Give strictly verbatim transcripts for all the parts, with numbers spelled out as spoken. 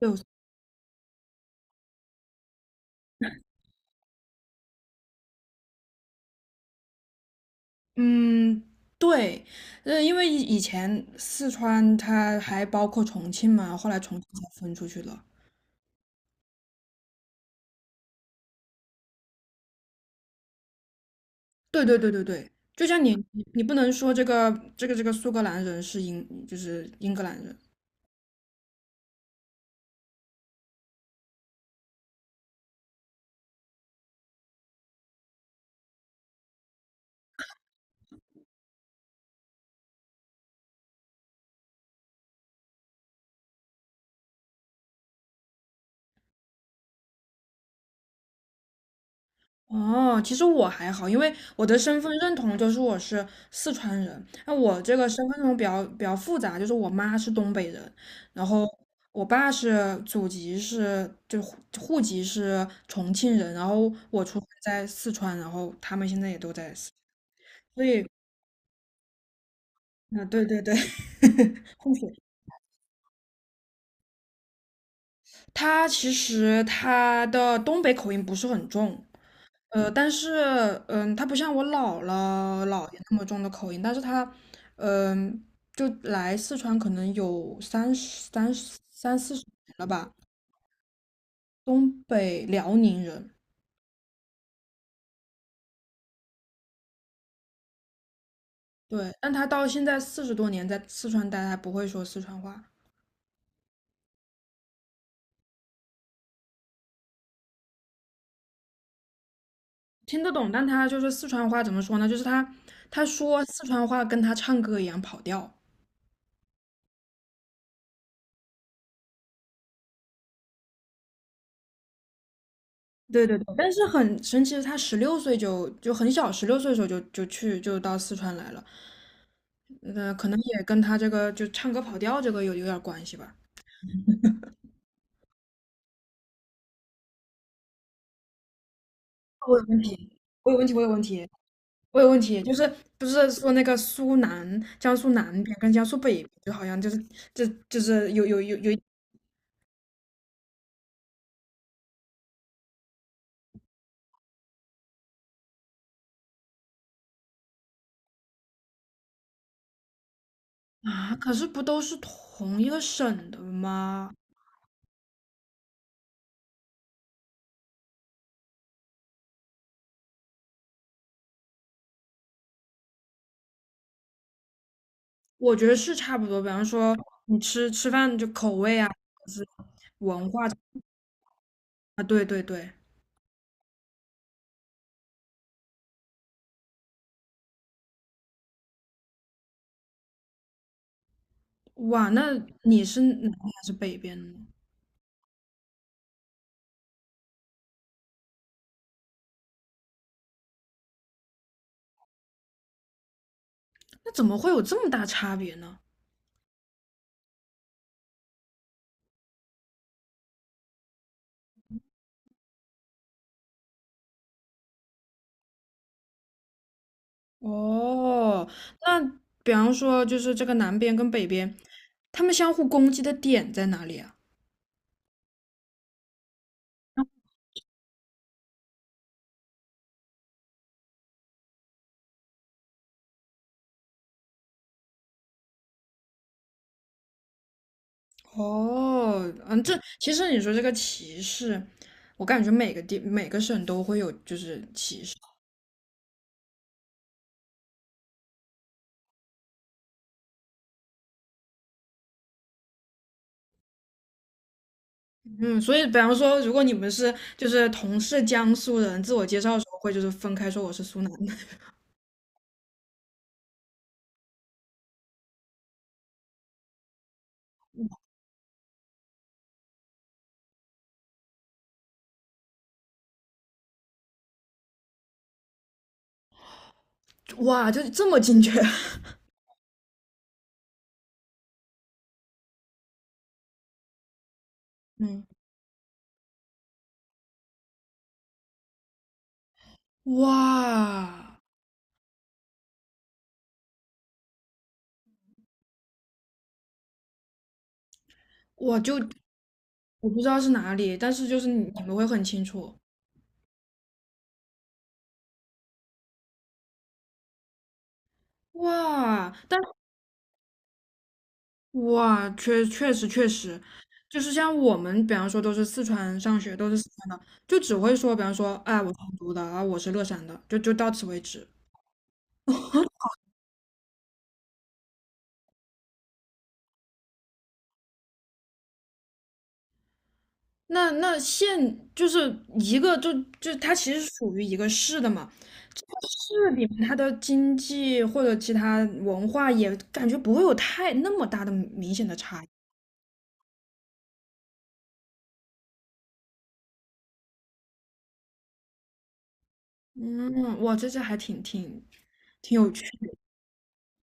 有，嗯，对，呃，因为以以前四川它还包括重庆嘛，后来重庆才分出去了。对对对对对，就像你你你不能说这个这个这个苏格兰人是英就是英格兰人，哦，其实我还好，因为我的身份认同就是我是四川人。那我这个身份认同比较比较复杂，就是我妈是东北人，然后我爸是祖籍是就户户籍是重庆人，然后我出生在四川，然后他们现在也都在四川，所以啊，对对对，混血。他其实他的东北口音不是很重，呃，但是，嗯，他不像我姥姥姥爷那么重的口音，但是他，嗯，就来四川可能有三十、三十、三四十年了吧，东北辽宁人，对，但他到现在四十多年在四川待，他不会说四川话，听得懂，但他就是四川话怎么说呢？就是他他说四川话跟他唱歌一样跑调。对对对，但是很神奇的是，他十六岁就就很小，十六岁的时候就就去就到四川来了，呃，可能也跟他这个就唱歌跑调这个有有点关系吧。我有问题，我有问题，我有问题，我有问题，就是不是说那个苏南、江苏南边跟江苏北边就好像就是就就是有有有有啊，可是不都是同一个省的吗？我觉得是差不多，比方说你吃吃饭就口味啊，就是文化啊，对对对。哇，那你是南边还是北边的呢？那怎么会有这么大差别呢？哦，那比方说就是这个南边跟北边，他们相互攻击的点在哪里啊？哦，嗯，这其实你说这个歧视，我感觉每个地每个省都会有就是歧视，嗯，所以比方说如果你们是就是同是江苏人，自我介绍的时候会就是分开说我是苏南的，哇，就这么精确，嗯，哇。我就我不知道是哪里，但是就是你你们会很清楚。哇，但哇，确确实确实，就是像我们，比方说都是四川上学，都是四川的，就只会说，比方说，哎，我是成都的，啊，我是乐山的，就就到此为止。那那县就是一个，就就它其实属于一个市的嘛，市里面它的经济或者其他文化也感觉不会有太那么大的明显的差异。嗯，哇，这这还挺挺挺有趣。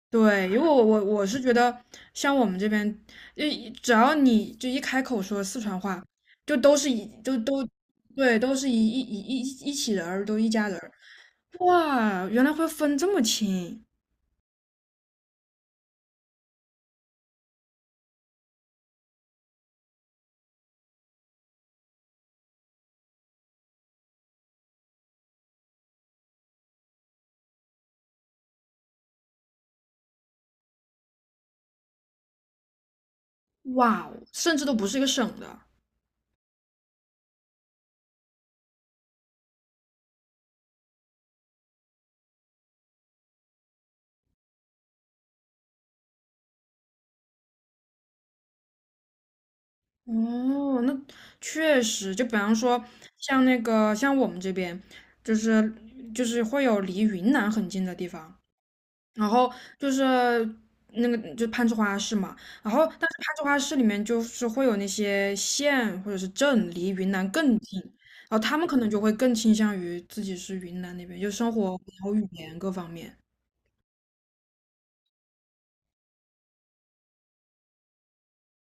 对，因为我我我是觉得，像我们这边，就一只要你就一开口说四川话，就都是一都都，对，都是一一一一一起人儿，都一家人儿。哇，原来会分这么清，哇哦甚至都不是一个省的。哦，那确实，就比方说，像那个像我们这边，就是就是会有离云南很近的地方，然后就是那个就攀枝花市嘛，然后但是攀枝花市里面就是会有那些县或者是镇离云南更近，然后他们可能就会更倾向于自己是云南那边，就生活然后语言各方面，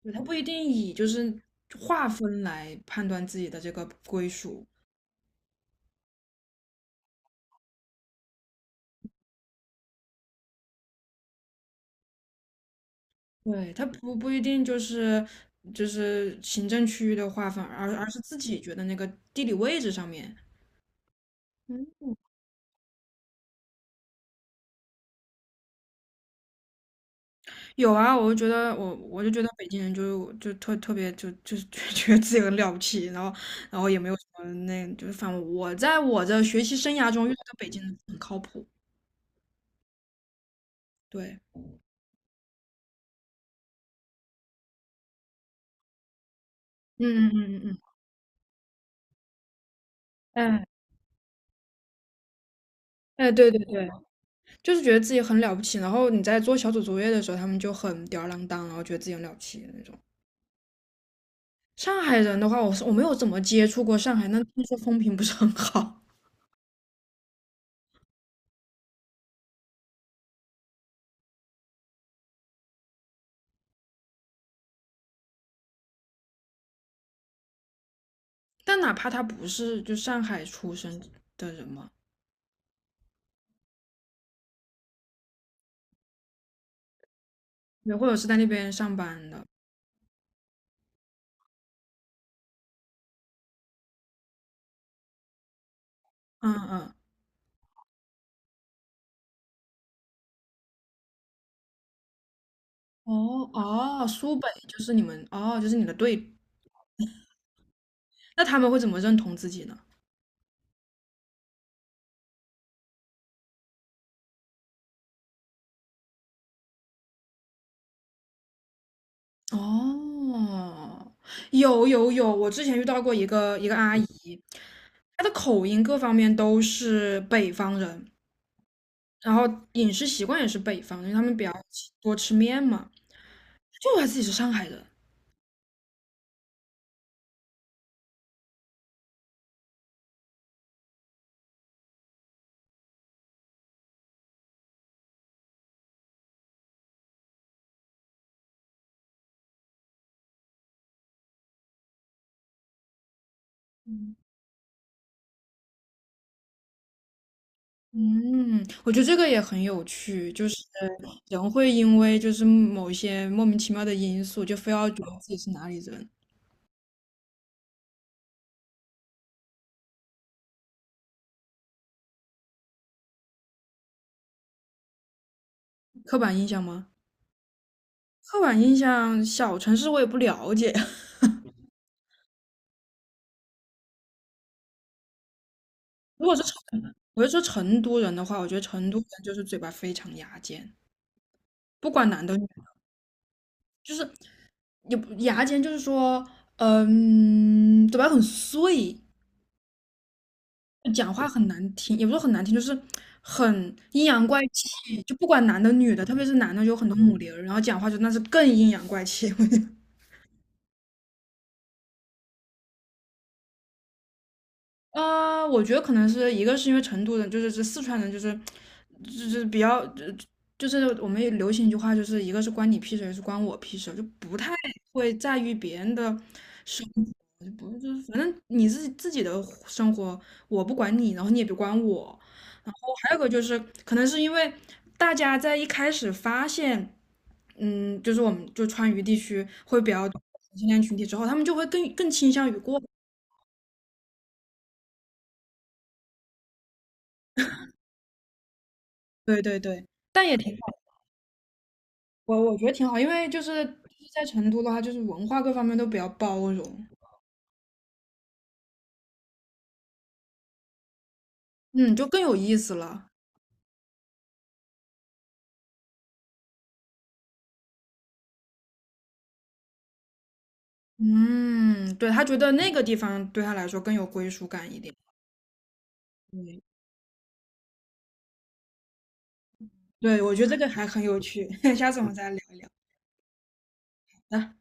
对，他不一定以就是划分来判断自己的这个归属，对，他不不一定就是就是行政区域的划分，而而是自己觉得那个地理位置上面。有啊，我就觉得我我就觉得北京人就就特特别就就是就 觉得自己很了不起，然后然后也没有什么那就是反正我在我的学习生涯中遇到的北京人很靠谱，对，嗯嗯嗯嗯，嗯，哎哎，对对对，就是觉得自己很了不起，然后你在做小组作业的时候，他们就很吊儿郎当，然后觉得自己很了不起的那种。上海人的话，我是我没有怎么接触过上海，那听说风评不是很好，但哪怕他不是就上海出生的人嘛，也或者是在那边上班的。嗯嗯，哦哦，苏北就是你们哦，就是你的队，那他们会怎么认同自己呢？哦，有有有，我之前遇到过一个一个阿姨，她的口音各方面都是北方人，然后饮食习惯也是北方，因为他们比较吃多吃面嘛，就她自己是上海人。嗯，我觉得这个也很有趣，就是人会因为就是某一些莫名其妙的因素，就非要觉得自己是哪里人，刻板印象吗？刻板印象，小城市我也不了解。如果是成，我就说成都人的话，我觉得成都人就是嘴巴非常牙尖，不管男的女的，也不牙尖就是说，嗯，嘴巴很碎，讲话很难听，也不是很难听，就是很阴阳怪气，就不管男的女的，特别是男的有很多母零儿然后讲话就那是更阴阳怪气。呃，我觉得可能是一个是因为成都人，就是这四川人，就是就是比较，就就是我们也流行一句话，就是一个是关你屁事，一个是关我屁事，就不太会在意别人的生活，就不就是反正你自己自己的生活，我不管你，然后你也别管我。然后还有个就是，可能是因为大家在一开始发现，嗯，就是我们就川渝地区会比较多同性恋群体之后，他们就会更更倾向于过，对对对，但也挺。我我觉得挺好，因为就是就是在成都的话，就是文化各方面都比较包容，嗯，就更有意思了。嗯，对，他觉得那个地方对他来说更有归属感一点。对，对，我觉得这个还很有趣，下次我们再聊一聊。好的。